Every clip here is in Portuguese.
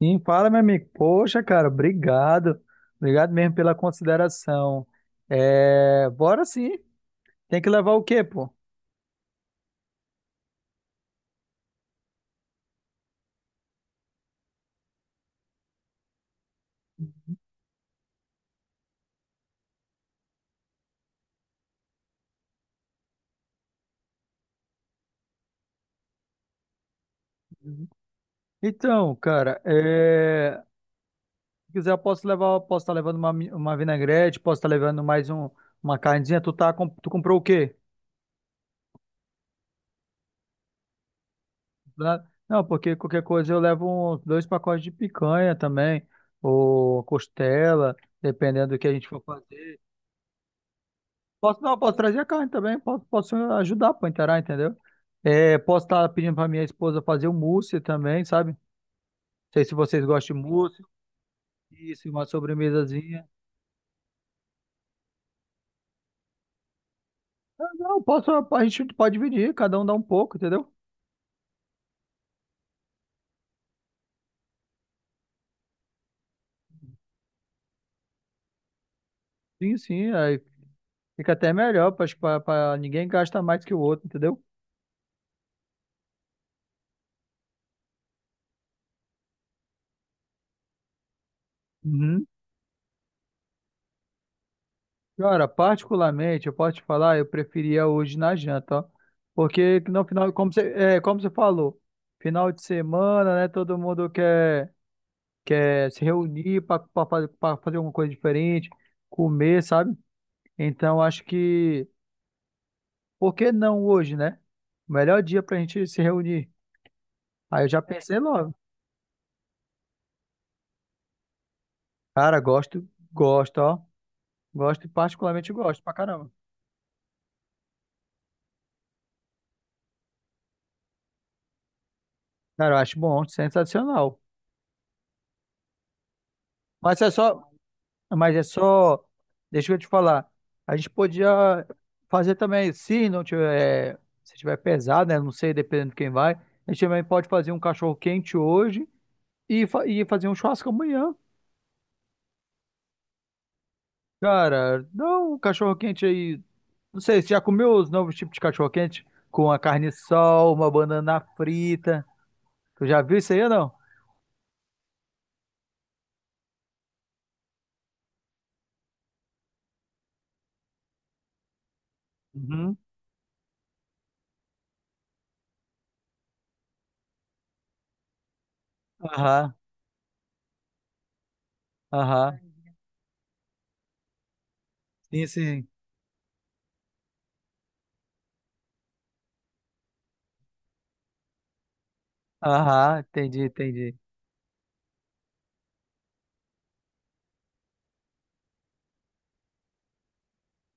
Sim, fala, meu amigo. Poxa, cara, obrigado. Obrigado mesmo pela consideração. É, bora sim. Tem que levar o quê, pô? Então, cara, é, se quiser, eu posso levar, posso estar levando uma, uma vinagrete, posso estar levando mais um, uma carnezinha. Tu, tá, tu comprou o quê? Não, porque qualquer coisa eu levo dois pacotes de picanha também, ou costela, dependendo do que a gente for fazer. Posso, não, posso trazer a carne também, posso, posso ajudar para inteirar, entendeu? É, posso estar pedindo para minha esposa fazer um mousse também, sabe? Não sei se vocês gostam de mousse, isso, uma sobremesazinha. Ah, não, posso, a gente pode dividir, cada um dá um pouco, entendeu? Sim, sim, aí fica até melhor, acho que para ninguém gasta mais que o outro, entendeu? Uhum. Cara, particularmente, eu posso te falar, eu preferia hoje na janta, ó. Porque no final, como você, é, como você falou, final de semana, né? Todo mundo quer. Quer se reunir para fazer alguma coisa diferente, comer, sabe? Então acho que, por que não hoje, né? O melhor dia pra gente se reunir. Aí eu já pensei logo. Cara, gosto, gosto, ó. Gosto, particularmente gosto pra caramba. Cara, eu acho bom, sensacional. Mas é só, mas é só, deixa eu te falar. A gente podia fazer também, se não tiver, é, se tiver pesado, né? Não sei, dependendo de quem vai. A gente também pode fazer um cachorro quente hoje e, e fazer um churrasco amanhã. Cara, não, um cachorro-quente aí. Não sei, você já comeu os novos tipos de cachorro-quente? Com a carne sol, uma banana frita. Tu já viu isso aí ou não? Uhum. Aham, aham. Sim, sim. Aham, entendi, entendi.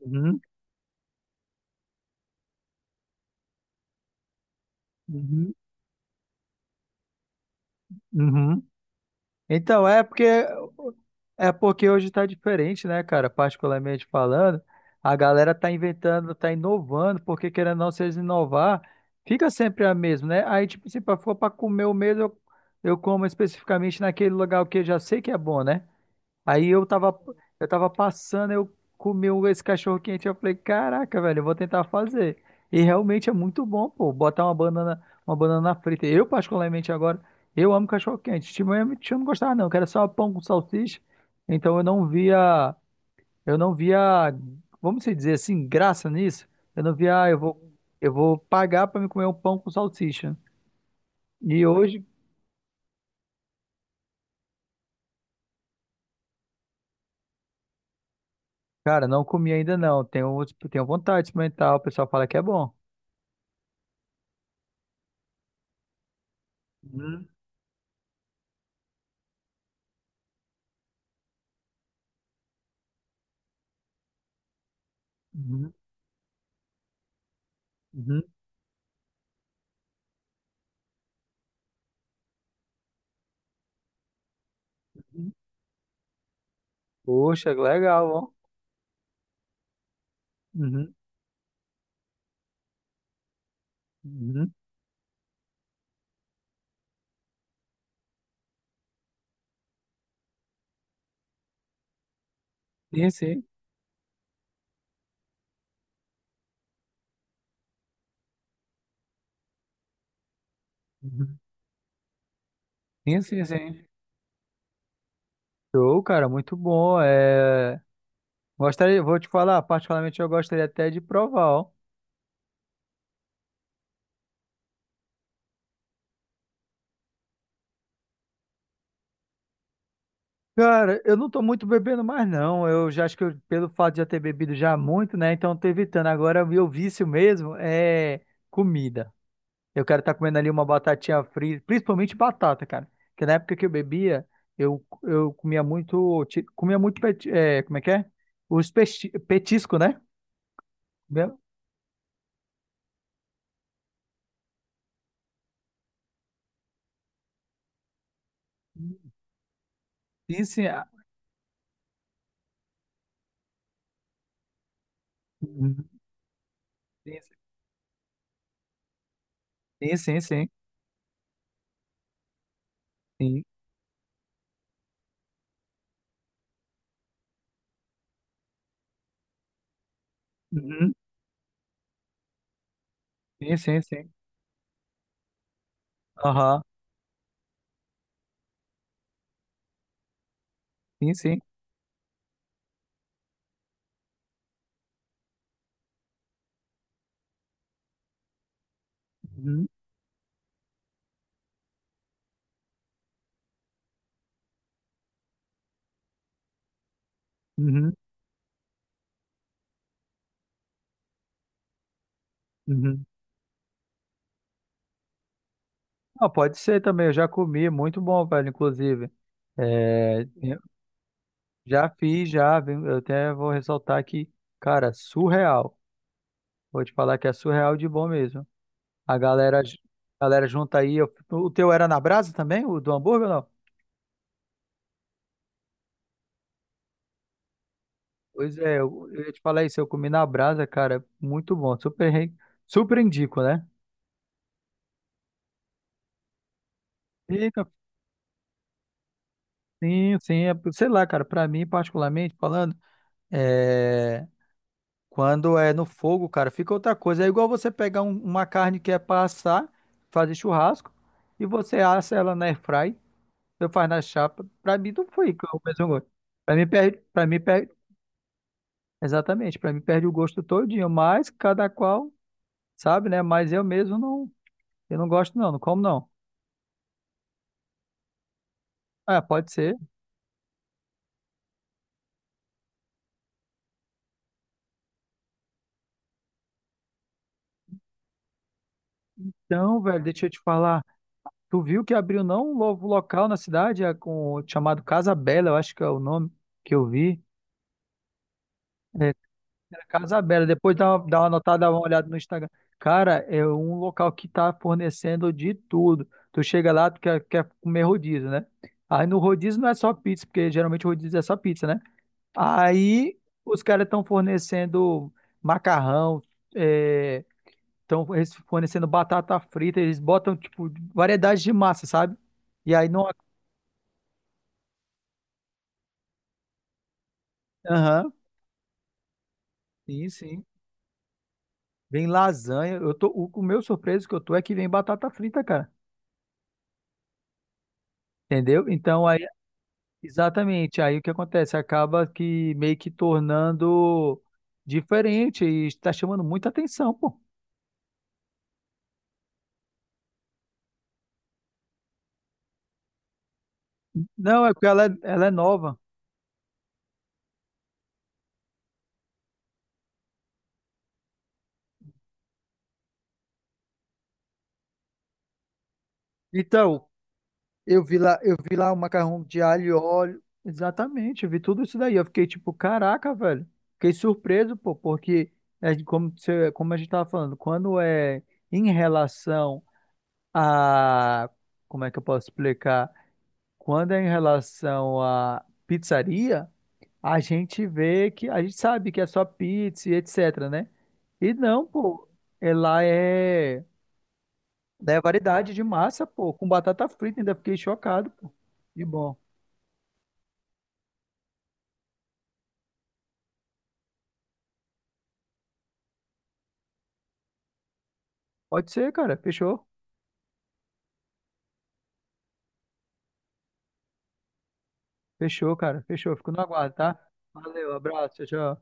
Uhum, uhum, uhum. Então, é porque hoje tá diferente, né, cara? Particularmente falando, a galera tá inventando, tá inovando, porque querendo ou não, se eles inovar, fica sempre a mesma, né? Aí, tipo, se for pra comer o mesmo, eu como especificamente naquele lugar que eu já sei que é bom, né? Aí eu tava passando, eu comi esse cachorro quente, eu falei, caraca, velho, eu vou tentar fazer. E realmente é muito bom, pô, botar uma banana frita. Eu, particularmente agora, eu amo cachorro quente. Tinha eu não gostava não, que era só pão com salsicha. Então eu não via, vamos dizer assim, graça nisso. Eu não via, ah, eu vou pagar pra me comer um pão com salsicha. E hoje, cara, não comi ainda não. Tenho, tenho vontade de experimentar, o pessoal fala que é bom. Uhum. Uhum. Uhum. Poxa, que legal, ó. Uhum. Uhum. Sim, sim. Uhum. Sim, sim, sim. Show, cara, muito bom. Gostaria, vou te falar, particularmente eu gostaria até de provar, ó. Cara, eu não tô muito bebendo mais, não. Eu já acho que pelo fato de já ter bebido já muito, né? Então eu tô evitando. Agora, o meu vício mesmo é comida. Eu quero estar comendo ali uma batatinha frita, principalmente batata, cara. Porque na época que eu bebia, eu comia muito, comia muito, é, como é que é? Os petisco, né? Comia. Sim, sim. Uhum. Sim, sim, sim. Sim, uhum, sim, sim, sim. Aham, sim, sim. Uhum, uhum, uhum. Ah, pode ser também, eu já comi, muito bom, velho, inclusive. É, eu já fiz, já, viu? Eu até vou ressaltar aqui, cara, surreal. Vou te falar que é surreal de bom mesmo. A galera junta aí. O teu era na brasa também, o do hambúrguer, ou não? Pois é, eu ia te falar isso. Eu comi na brasa, cara. Muito bom. Super indico, né? Fica, sim, sim. Sei lá, cara. Pra mim, particularmente falando, é, quando é no fogo, cara, fica outra coisa. É igual você pegar uma carne que é pra assar, fazer churrasco, e você assa ela na airfry, eu faz na chapa. Pra mim, não foi o mesmo gosto. Pra mim, perde, pra mim, perde. Exatamente, para mim perde o gosto todinho, mas cada qual sabe, né? Mas eu mesmo não, eu não gosto não, não como não. Ah, pode ser. Então, velho, deixa eu te falar, tu viu que abriu não um novo local na cidade, é, com chamado Casa Bela, eu acho que é o nome que eu vi. É, era Casa Bela, depois dá uma notada, dá uma olhada no Instagram. Cara, é um local que tá fornecendo de tudo. Tu chega lá, tu quer, quer comer rodízio, né? Aí no rodízio não é só pizza, porque geralmente o rodízio é só pizza, né? Aí os caras estão fornecendo macarrão, estão fornecendo batata frita, eles botam tipo variedade de massa, sabe? E aí não. Aham, sim, sim. Vem lasanha. Eu tô, o meu surpreso que eu tô é que vem batata frita, cara. Entendeu? Então aí, exatamente, aí o que acontece? Acaba que meio que tornando diferente e está chamando muita atenção, pô. Não, é porque ela, ela é nova. Então, eu vi lá, eu vi lá o macarrão de alho e óleo. Exatamente, eu vi tudo isso daí. Eu fiquei tipo, caraca, velho. Fiquei surpreso, pô, porque é de como, como a gente tava falando, quando é em relação a. Como é que eu posso explicar? Quando é em relação a pizzaria, a gente vê que. A gente sabe que é só pizza e etc, né? E não, pô, ela é. É né, variedade de massa, pô, com batata frita, ainda fiquei chocado, pô. Que bom. Pode ser, cara. Fechou. Fechou, cara. Fechou. Fico no aguardo, tá? Valeu, abraço. Tchau, tchau.